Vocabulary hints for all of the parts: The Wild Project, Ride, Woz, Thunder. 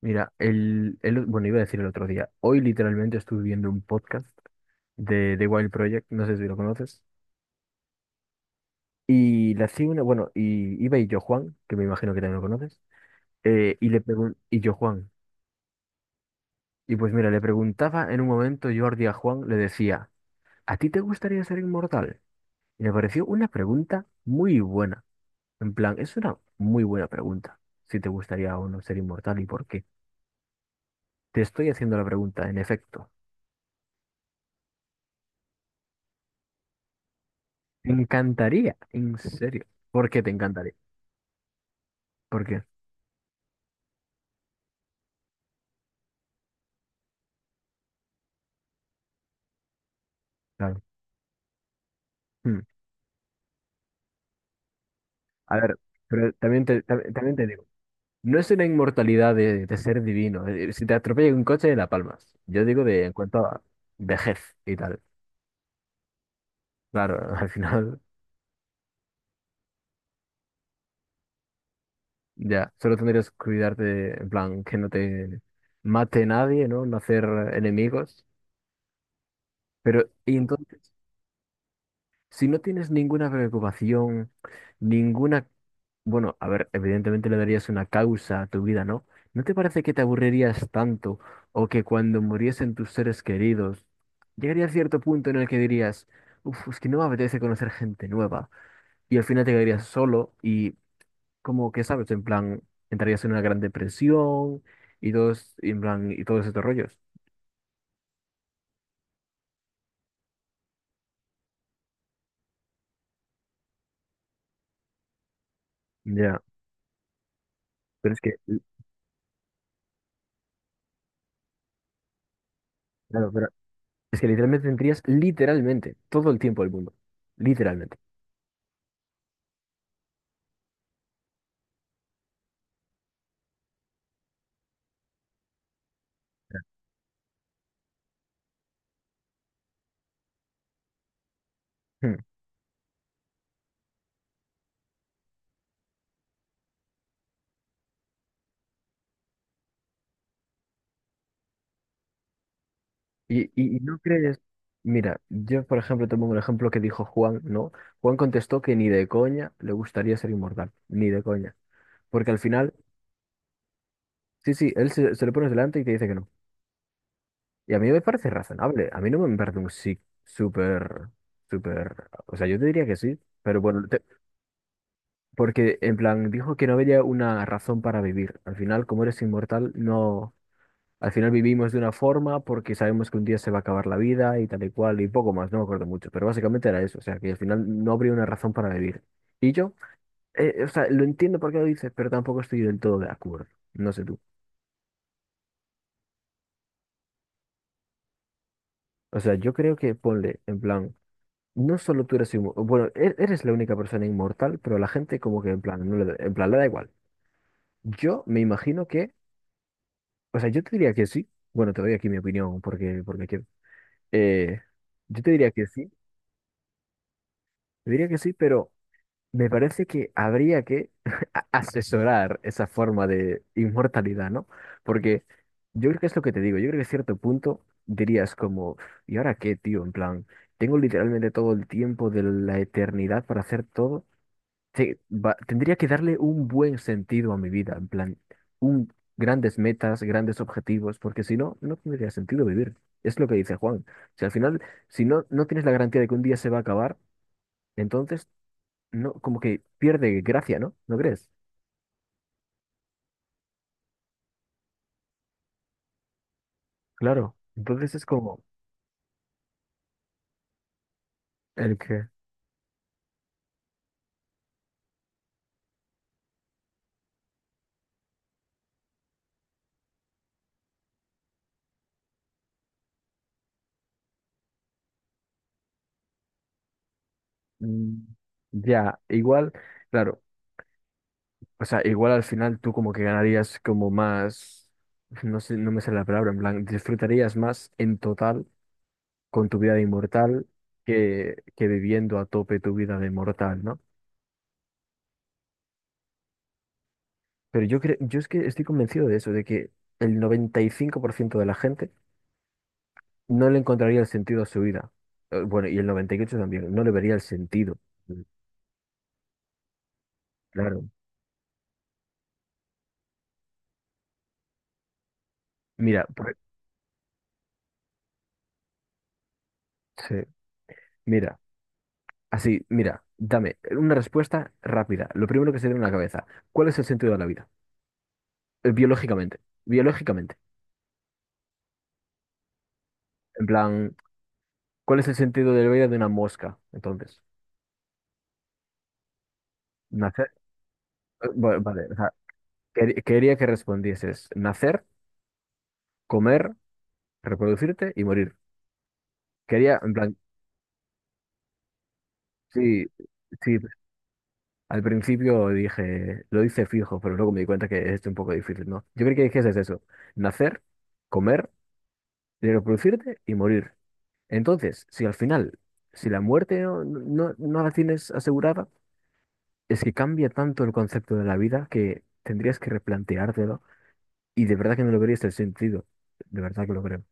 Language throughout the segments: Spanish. Mira, bueno, iba a decir el otro día. Hoy literalmente estuve viendo un podcast de The Wild Project, no sé si lo conoces. Y le hacía una, bueno, y iba y yo Juan, que me imagino que también lo conoces, y y yo Juan. Y pues mira, le preguntaba en un momento Jordi a Juan, le decía, ¿a ti te gustaría ser inmortal? Y me pareció una pregunta muy buena. En plan, es una muy buena pregunta, si te gustaría o no ser inmortal y por qué. Te estoy haciendo la pregunta, en efecto. Me encantaría, en serio. ¿Por qué te encantaría? ¿Por qué? Claro. Hmm. A ver, pero también también te digo, no es una inmortalidad de ser divino. Si te atropella un coche, la palmas. Yo digo de en cuanto a vejez y tal. Claro, al final ya, solo tendrías que cuidarte, en plan, que no te mate nadie, ¿no? No hacer enemigos. Pero, y entonces, si no tienes ninguna preocupación, ninguna. Bueno, a ver, evidentemente le darías una causa a tu vida, ¿no? ¿No te parece que te aburrirías tanto o que cuando muriesen tus seres queridos, llegaría a cierto punto en el que dirías, uff, es que no me apetece conocer gente nueva y al final te quedarías solo y como que, ¿sabes? En plan, entrarías en una gran depresión y todos, y en plan, y todos estos rollos. Ya, pero es que, claro, pero es que literalmente tendrías literalmente todo el tiempo del mundo, literalmente. Hmm. Y no crees, mira, yo por ejemplo te pongo el ejemplo que dijo Juan, ¿no? Juan contestó que ni de coña le gustaría ser inmortal, ni de coña. Porque al final, sí, sí, él se le pone delante y te dice que no. Y a mí me parece razonable, a mí no me parece un sí súper, súper, o sea, yo te diría que sí, pero bueno, porque en plan dijo que no había una razón para vivir. Al final, como eres inmortal, no. Al final vivimos de una forma porque sabemos que un día se va a acabar la vida y tal y cual y poco más, no me acuerdo mucho, pero básicamente era eso, o sea, que al final no habría una razón para vivir. Y yo, o sea, lo entiendo por qué lo dices, pero tampoco estoy del todo de acuerdo, no sé tú. O sea, yo creo que ponle, en plan, no solo tú eres inmortal, bueno, eres la única persona inmortal, pero la gente como que en plan, no le da- en plan, le da igual. Yo me imagino que, o sea, yo te diría que sí, bueno, te doy aquí mi opinión porque quiero. Eh, yo te diría que sí, te diría que sí, pero... Me parece que habría que asesorar esa forma de inmortalidad, ¿no? Porque yo creo que es lo que te digo, yo creo que a cierto punto dirías como, ¿y ahora qué, tío? En plan, tengo literalmente todo el tiempo de la eternidad para hacer todo. Sí, tendría que darle un buen sentido a mi vida, en plan, grandes metas, grandes objetivos, porque si no, no tendría sentido vivir. Es lo que dice Juan. Si al final, si no, no tienes la garantía de que un día se va a acabar, entonces no, como que pierde gracia, ¿no? ¿No crees? Claro. Entonces es como el que, mm, ya, igual, claro, o sea, igual al final tú como que ganarías como más, no sé, no me sale la palabra, en plan, disfrutarías más en total con tu vida de inmortal que viviendo a tope tu vida de mortal, ¿no? Pero yo creo, yo es que estoy convencido de eso, de que el 95% de la gente no le encontraría el sentido a su vida. Bueno, y el 98 también, no le vería el sentido. Claro. Mira, sí, mira, así, mira, dame una respuesta rápida. Lo primero que se viene a la cabeza. ¿Cuál es el sentido de la vida? Biológicamente, biológicamente. En plan, ¿cuál es el sentido de la vida de una mosca? Entonces, nacer, vale, o sea, quería que respondieses nacer, comer, reproducirte y morir. Quería, en plan, sí, sí. Al principio dije, lo hice fijo, pero luego me di cuenta que es un poco difícil, ¿no? Yo creo que dijese eso, nacer, comer de reproducirte y morir. Entonces, si al final, si la muerte no la tienes asegurada, es que cambia tanto el concepto de la vida que tendrías que replanteártelo y de verdad que no lo verías el sentido. De verdad que lo creo.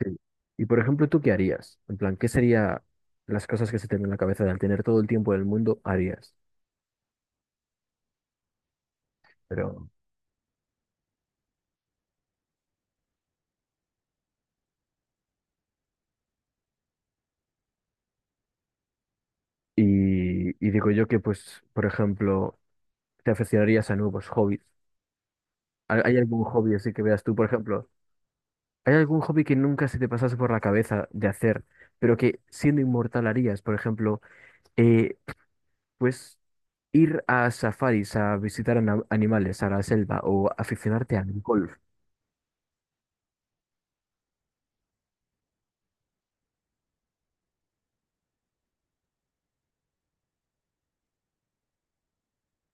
Sí. Y por ejemplo, ¿tú qué harías? En plan, ¿qué serían las cosas que se te ven en la cabeza de al tener todo el tiempo del mundo harías? Pero, y digo yo que, pues, por ejemplo, te aficionarías a nuevos hobbies. ¿Hay algún hobby así que veas tú, por ejemplo? ¿Hay algún hobby que nunca se te pasase por la cabeza de hacer, pero que siendo inmortal harías? Por ejemplo, eh, pues ir a safaris, a visitar animales, a la selva o aficionarte al golf,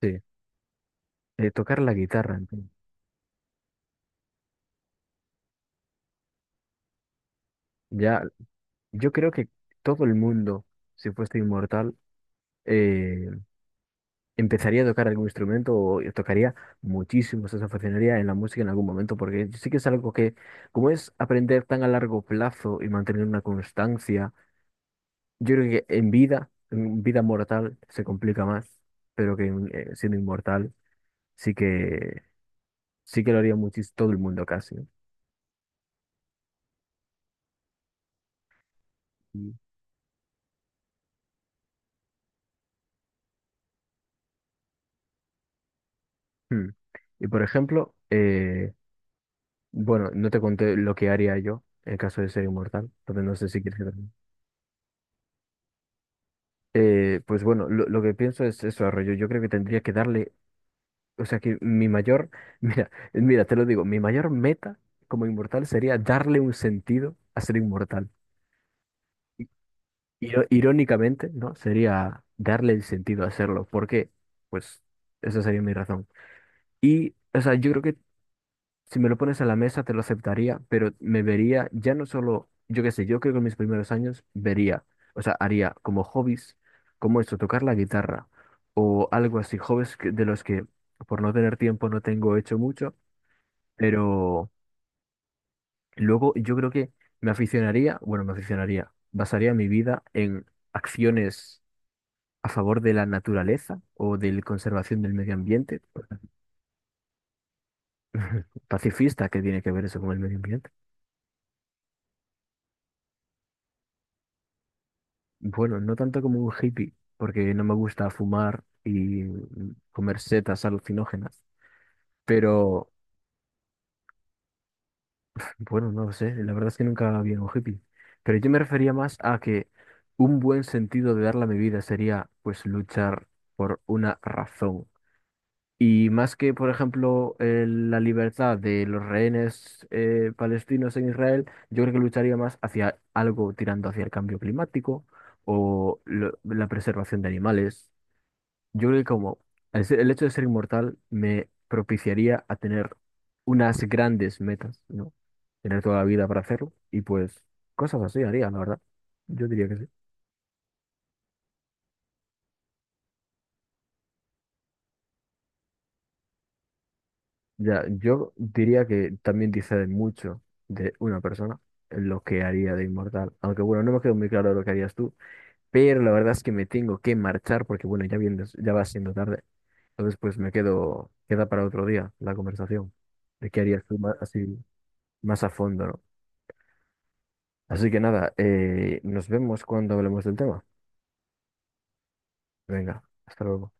sí, tocar la guitarra. En fin. Ya, yo creo que todo el mundo, si fuese inmortal, eh, empezaría a tocar algún instrumento o tocaría muchísimo, se aficionaría en la música en algún momento, porque sí que es algo que, como es aprender tan a largo plazo y mantener una constancia, yo creo que en vida mortal, se complica más, pero que siendo inmortal sí que sí que lo haría muchis todo el mundo casi. ¿No? Y, hmm. Y, por ejemplo, bueno, no te conté lo que haría yo en caso de ser inmortal, entonces no sé si quieres. Pues bueno, lo que pienso es eso, Arroyo. Yo creo que tendría que darle, o sea que mi mayor, mira, mira, te lo digo, mi mayor meta como inmortal sería darle un sentido a ser inmortal. Irónicamente, ¿no? Sería darle el sentido a hacerlo. ¿Por qué? Pues esa sería mi razón. Y, o sea, yo creo que si me lo pones a la mesa te lo aceptaría, pero me vería ya no solo, yo qué sé, yo creo que en mis primeros años vería, o sea, haría como hobbies, como esto, tocar la guitarra o algo así, hobbies de los que por no tener tiempo no tengo hecho mucho, pero luego yo creo que me aficionaría, bueno, me aficionaría, basaría mi vida en acciones a favor de la naturaleza o de la conservación del medio ambiente. Pacifista. ¿Qué tiene que ver eso con el medio ambiente? Bueno, no tanto como un hippie, porque no me gusta fumar y comer setas alucinógenas, pero bueno, no lo sé, la verdad es que nunca había un hippie. Pero yo me refería más a que un buen sentido de darle a mi vida sería pues luchar por una razón. Y más que, por ejemplo, la libertad de los rehenes palestinos en Israel, yo creo que lucharía más hacia algo tirando hacia el cambio climático o la preservación de animales. Yo creo que como el hecho de ser inmortal me propiciaría a tener unas grandes metas, ¿no? Tener toda la vida para hacerlo y pues cosas así haría, la verdad. Yo diría que sí. Ya, yo diría que también dice de mucho de una persona lo que haría de inmortal. Aunque bueno, no me quedó muy claro lo que harías tú, pero la verdad es que me tengo que marchar porque bueno, ya viene, ya va siendo tarde. Entonces pues me quedo, queda para otro día la conversación de qué harías tú más, así más a fondo, ¿no? Así que nada, nos vemos cuando hablemos del tema. Venga, hasta luego.